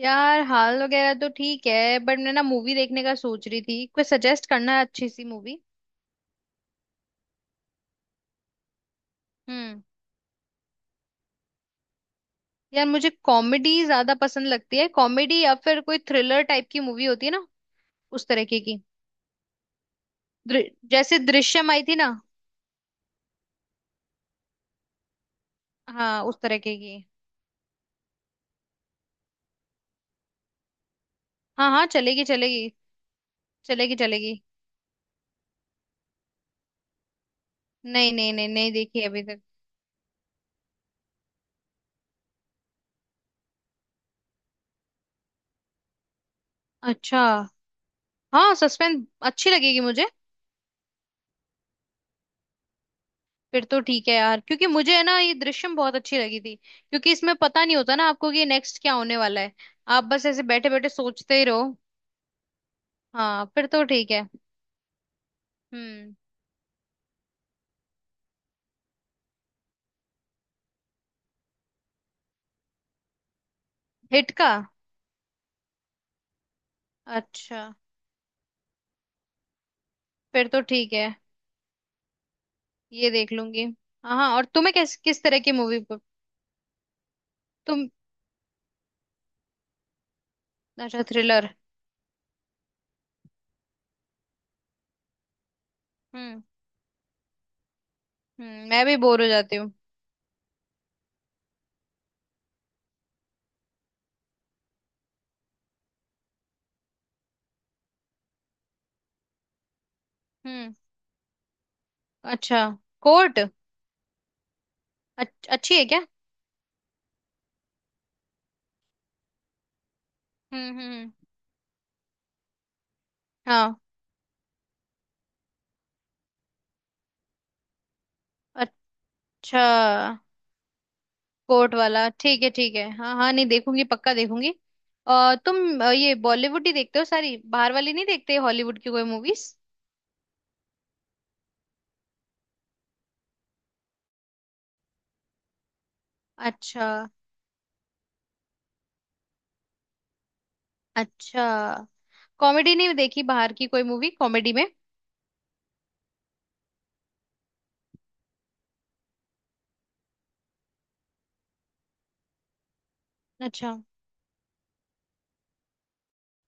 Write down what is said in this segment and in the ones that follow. यार हाल वगैरह तो ठीक है, बट मैं ना मूवी देखने का सोच रही थी। कोई सजेस्ट करना अच्छी सी मूवी। हम्म। यार मुझे कॉमेडी ज्यादा पसंद लगती है। कॉमेडी या फिर कोई थ्रिलर टाइप की मूवी होती है ना, उस तरीके की। दृ- जैसे दृश्यम आई थी ना। हाँ, उस तरीके की। हाँ हाँ, चलेगी चलेगी। चलेगी चलेगी। नहीं नहीं नहीं, नहीं देखी अभी तक। अच्छा। हाँ, सस्पेंस अच्छी लगेगी मुझे। फिर तो ठीक है यार, क्योंकि मुझे है ना, ये दृश्यम बहुत अच्छी लगी थी क्योंकि इसमें पता नहीं होता ना आपको कि नेक्स्ट क्या होने वाला है। आप बस ऐसे बैठे बैठे सोचते ही रहो। हाँ, फिर तो ठीक है। हम्म। हिट का? अच्छा, फिर तो ठीक है, ये देख लूंगी। हाँ हाँ, और तुम्हें किस किस तरह की मूवी? तुम? अच्छा, थ्रिलर। हम्म। हम्म, मैं भी बोर हो जाती हूँ। हम्म। अच्छा, कोर्ट? अच्छी है क्या? हम्म। हम्म। हाँ। अच्छा। कोर्ट वाला ठीक है, ठीक है। हाँ हाँ, नहीं देखूंगी, पक्का देखूंगी। और तुम ये बॉलीवुड ही देखते हो सारी? बाहर वाली नहीं देखते, हॉलीवुड की कोई मूवीज? अच्छा। अच्छा। कॉमेडी नहीं देखी बाहर की कोई मूवी, कॉमेडी में? अच्छा।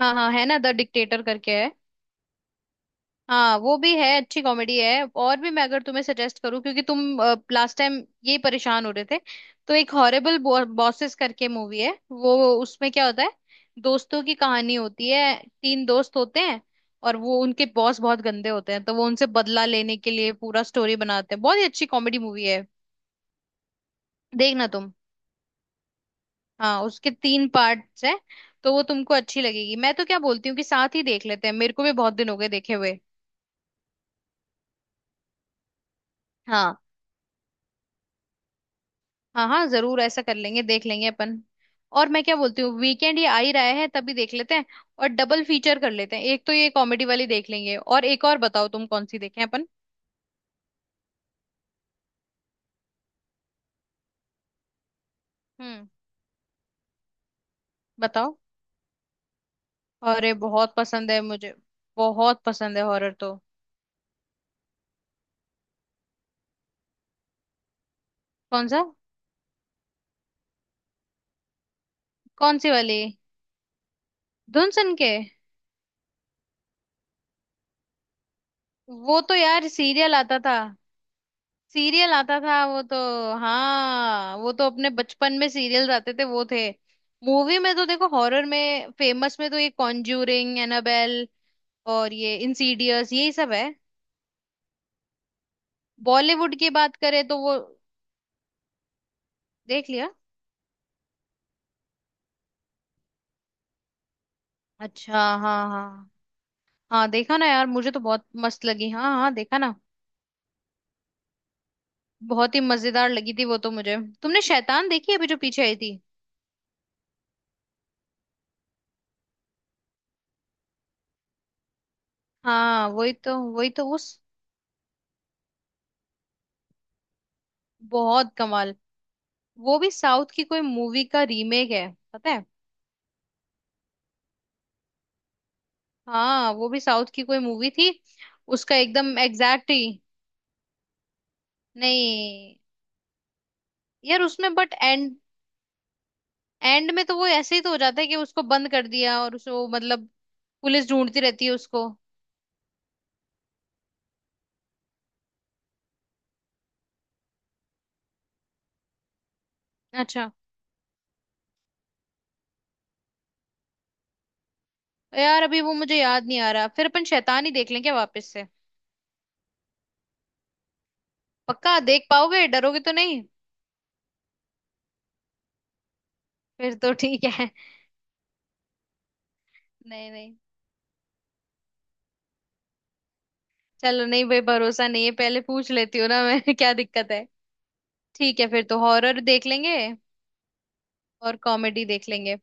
हाँ हाँ, है ना, द डिक्टेटर करके है। हाँ, वो भी है, अच्छी कॉमेडी है। और भी, मैं अगर तुम्हें सजेस्ट करूँ क्योंकि तुम लास्ट टाइम ये परेशान हो रहे थे, तो एक हॉरेबल बॉसेस करके मूवी है वो। उसमें क्या होता है, दोस्तों की कहानी होती है। तीन दोस्त होते हैं और वो, उनके बॉस बहुत गंदे होते हैं, तो वो उनसे बदला लेने के लिए पूरा स्टोरी बनाते हैं। बहुत ही अच्छी कॉमेडी मूवी है, देखना तुम। हाँ, उसके तीन पार्ट्स हैं, तो वो तुमको अच्छी लगेगी। मैं तो क्या बोलती हूँ कि साथ ही देख लेते हैं, मेरे को भी बहुत दिन हो गए देखे हुए। हाँ हाँ, हाँ जरूर, ऐसा कर लेंगे, देख लेंगे अपन। और मैं क्या बोलती हूँ, वीकेंड ये आ ही रहा है, तभी देख लेते हैं और डबल फीचर कर लेते हैं। एक तो ये कॉमेडी वाली देख लेंगे, और एक और बताओ तुम, कौन सी देखें अपन? हम्म, बताओ। अरे बहुत पसंद है मुझे, बहुत पसंद है हॉरर तो। कौन सा? कौन सी वाली? धुन सन के? वो तो यार सीरियल आता था। सीरियल आता था वो तो। हाँ, वो तो अपने बचपन में सीरियल आते थे, वो थे। मूवी में तो देखो, हॉरर में फेमस में तो ये कॉन्ज्यूरिंग, एनाबेल और ये इंसीडियस, यही सब है। बॉलीवुड की बात करें तो वो देख लिया। अच्छा हाँ हाँ। हाँ, देखा ना यार, मुझे तो बहुत मस्त लगी। हाँ हाँ, देखा ना। बहुत ही मजेदार लगी थी वो तो मुझे। तुमने शैतान देखी अभी, जो पीछे आई थी? हाँ वही तो, वही तो उस... बहुत कमाल। वो भी साउथ की कोई मूवी का रीमेक है, पता है? हाँ, वो भी साउथ की कोई मूवी थी। उसका एकदम एग्जैक्ट ही। नहीं यार, उसमें बट एंड, एंड में तो वो ऐसे ही तो हो जाता है कि उसको बंद कर दिया, और उसको मतलब पुलिस ढूंढती रहती है उसको। अच्छा। यार अभी वो मुझे याद नहीं आ रहा, फिर अपन शैतान ही देख लें क्या वापस से? पक्का देख पाओगे, डरोगे तो नहीं? फिर तो ठीक है। नहीं नहीं। चलो, नहीं भाई, भरोसा नहीं है, पहले पूछ लेती हूँ ना मैं क्या दिक्कत है। ठीक है, फिर तो हॉरर देख लेंगे और कॉमेडी देख लेंगे।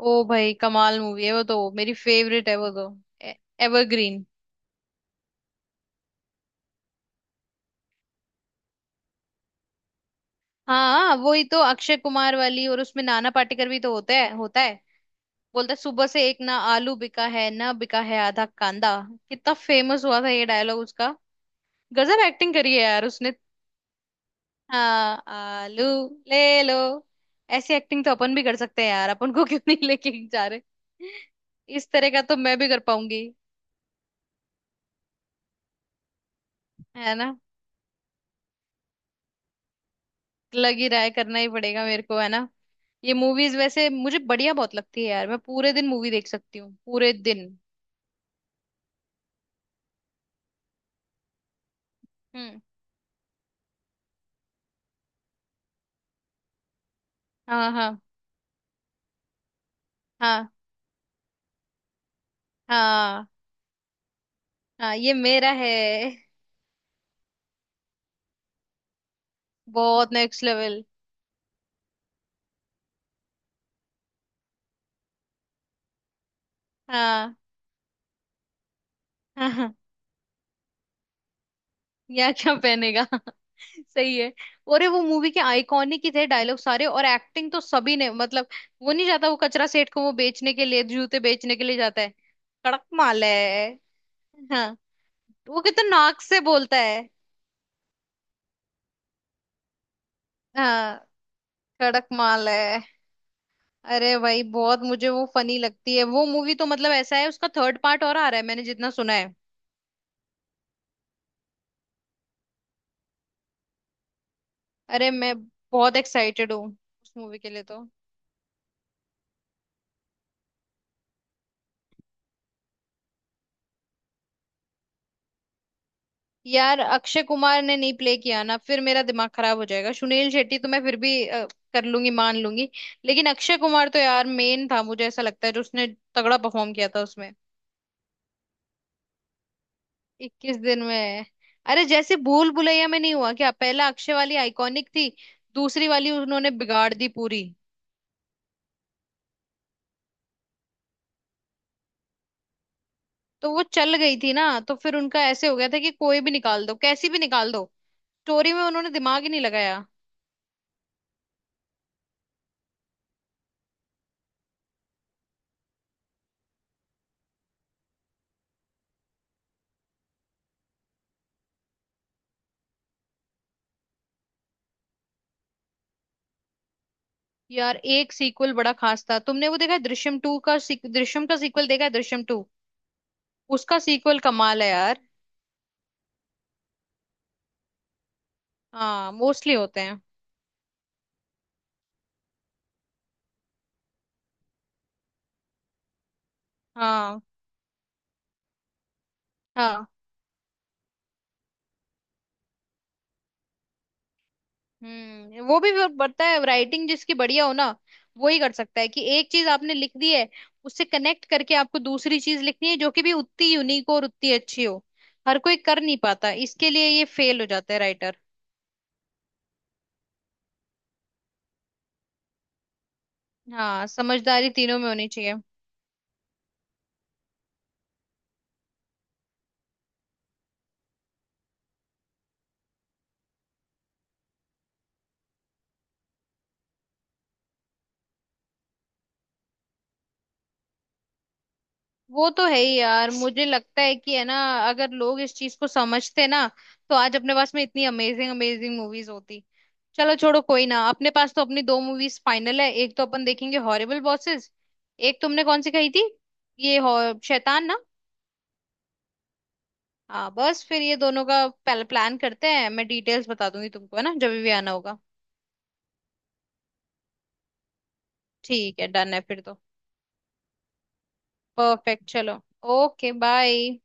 ओ भाई, कमाल मूवी है वो तो, मेरी फेवरेट है वो तो, एवरग्रीन। हाँ वही तो, अक्षय कुमार वाली, और उसमें नाना पाटेकर भी तो होता है, होता है। बोलता है, सुबह से एक ना आलू बिका है, ना बिका है आधा कांदा। कितना फेमस हुआ था ये डायलॉग उसका, गजब एक्टिंग करी है यार उसने। हाँ, आलू ले लो। ऐसी एक्टिंग तो अपन भी कर सकते हैं यार, अपन को क्यों नहीं लेके जा रहे? इस तरह का तो मैं भी कर पाऊंगी। है ना? लग ही रहा है करना ही पड़ेगा मेरे को, है ना। ये मूवीज वैसे मुझे बढ़िया बहुत लगती है यार, मैं पूरे दिन मूवी देख सकती हूँ, पूरे दिन। हम्म। हाँ। हाँ। हाँ। हाँ। हाँ, ये मेरा है। बहुत नेक्स्ट लेवल। हाँ। हाँ हाँ, या क्या पहनेगा सही है। अरे वो मूवी के आइकॉनिक ही थे डायलॉग सारे, और एक्टिंग तो सभी ने, मतलब। वो नहीं जाता, वो कचरा सेठ को वो बेचने के लिए, जूते बेचने के लिए जाता है। कड़क माल है। हाँ, वो कितना नाक से बोलता है। हाँ। कड़क माल है। अरे भाई, बहुत मुझे वो फनी लगती है वो मूवी तो, मतलब ऐसा है। उसका थर्ड पार्ट और आ रहा है, मैंने जितना सुना है। अरे मैं बहुत एक्साइटेड हूँ उस मूवी के लिए तो। यार अक्षय कुमार ने नहीं प्ले किया ना फिर, मेरा दिमाग खराब हो जाएगा। सुनील शेट्टी तो मैं फिर भी कर लूंगी, मान लूंगी, लेकिन अक्षय कुमार तो यार मेन था। मुझे ऐसा लगता है जो उसने तगड़ा परफॉर्म किया था उसमें। 21 दिन में। अरे जैसे भूल भुलैया में नहीं हुआ क्या, पहला अक्षय वाली आइकॉनिक थी, दूसरी वाली उन्होंने बिगाड़ दी पूरी। तो वो चल गई थी ना, तो फिर उनका ऐसे हो गया था कि कोई भी निकाल दो, कैसी भी निकाल दो। स्टोरी में उन्होंने दिमाग ही नहीं लगाया। यार एक सीक्वल बड़ा खास था, तुमने वो देखा है, दृश्यम टू का दृश्यम का सीक्वल देखा है, दृश्यम टू? उसका सीक्वल कमाल है यार। हाँ, मोस्टली होते हैं। हाँ। हाँ। हम्म, वो भी, वो पता है, राइटिंग जिसकी बढ़िया हो ना, वो ही कर सकता है कि एक चीज आपने लिख दी है, उससे कनेक्ट करके आपको दूसरी चीज लिखनी है, जो कि भी उतनी यूनिक और उतनी अच्छी हो। हर कोई कर नहीं पाता, इसके लिए ये फेल हो जाता है राइटर। हाँ, समझदारी तीनों में होनी चाहिए। वो तो है ही यार, मुझे लगता है कि, है ना, अगर लोग इस चीज को समझते ना, तो आज अपने पास में इतनी अमेजिंग अमेजिंग मूवीज होती। चलो छोड़ो, कोई ना, अपने पास तो अपनी दो मूवीज फाइनल है। एक तो अपन देखेंगे हॉरिबल बॉसेस, एक तुमने कौन सी कही थी, ये शैतान ना। हाँ, बस फिर ये दोनों का पहले प्लान करते हैं। मैं डिटेल्स बता दूंगी तुमको, है ना, जब भी आना होगा। ठीक है, डन है फिर तो। परफेक्ट, चलो। Okay, bye.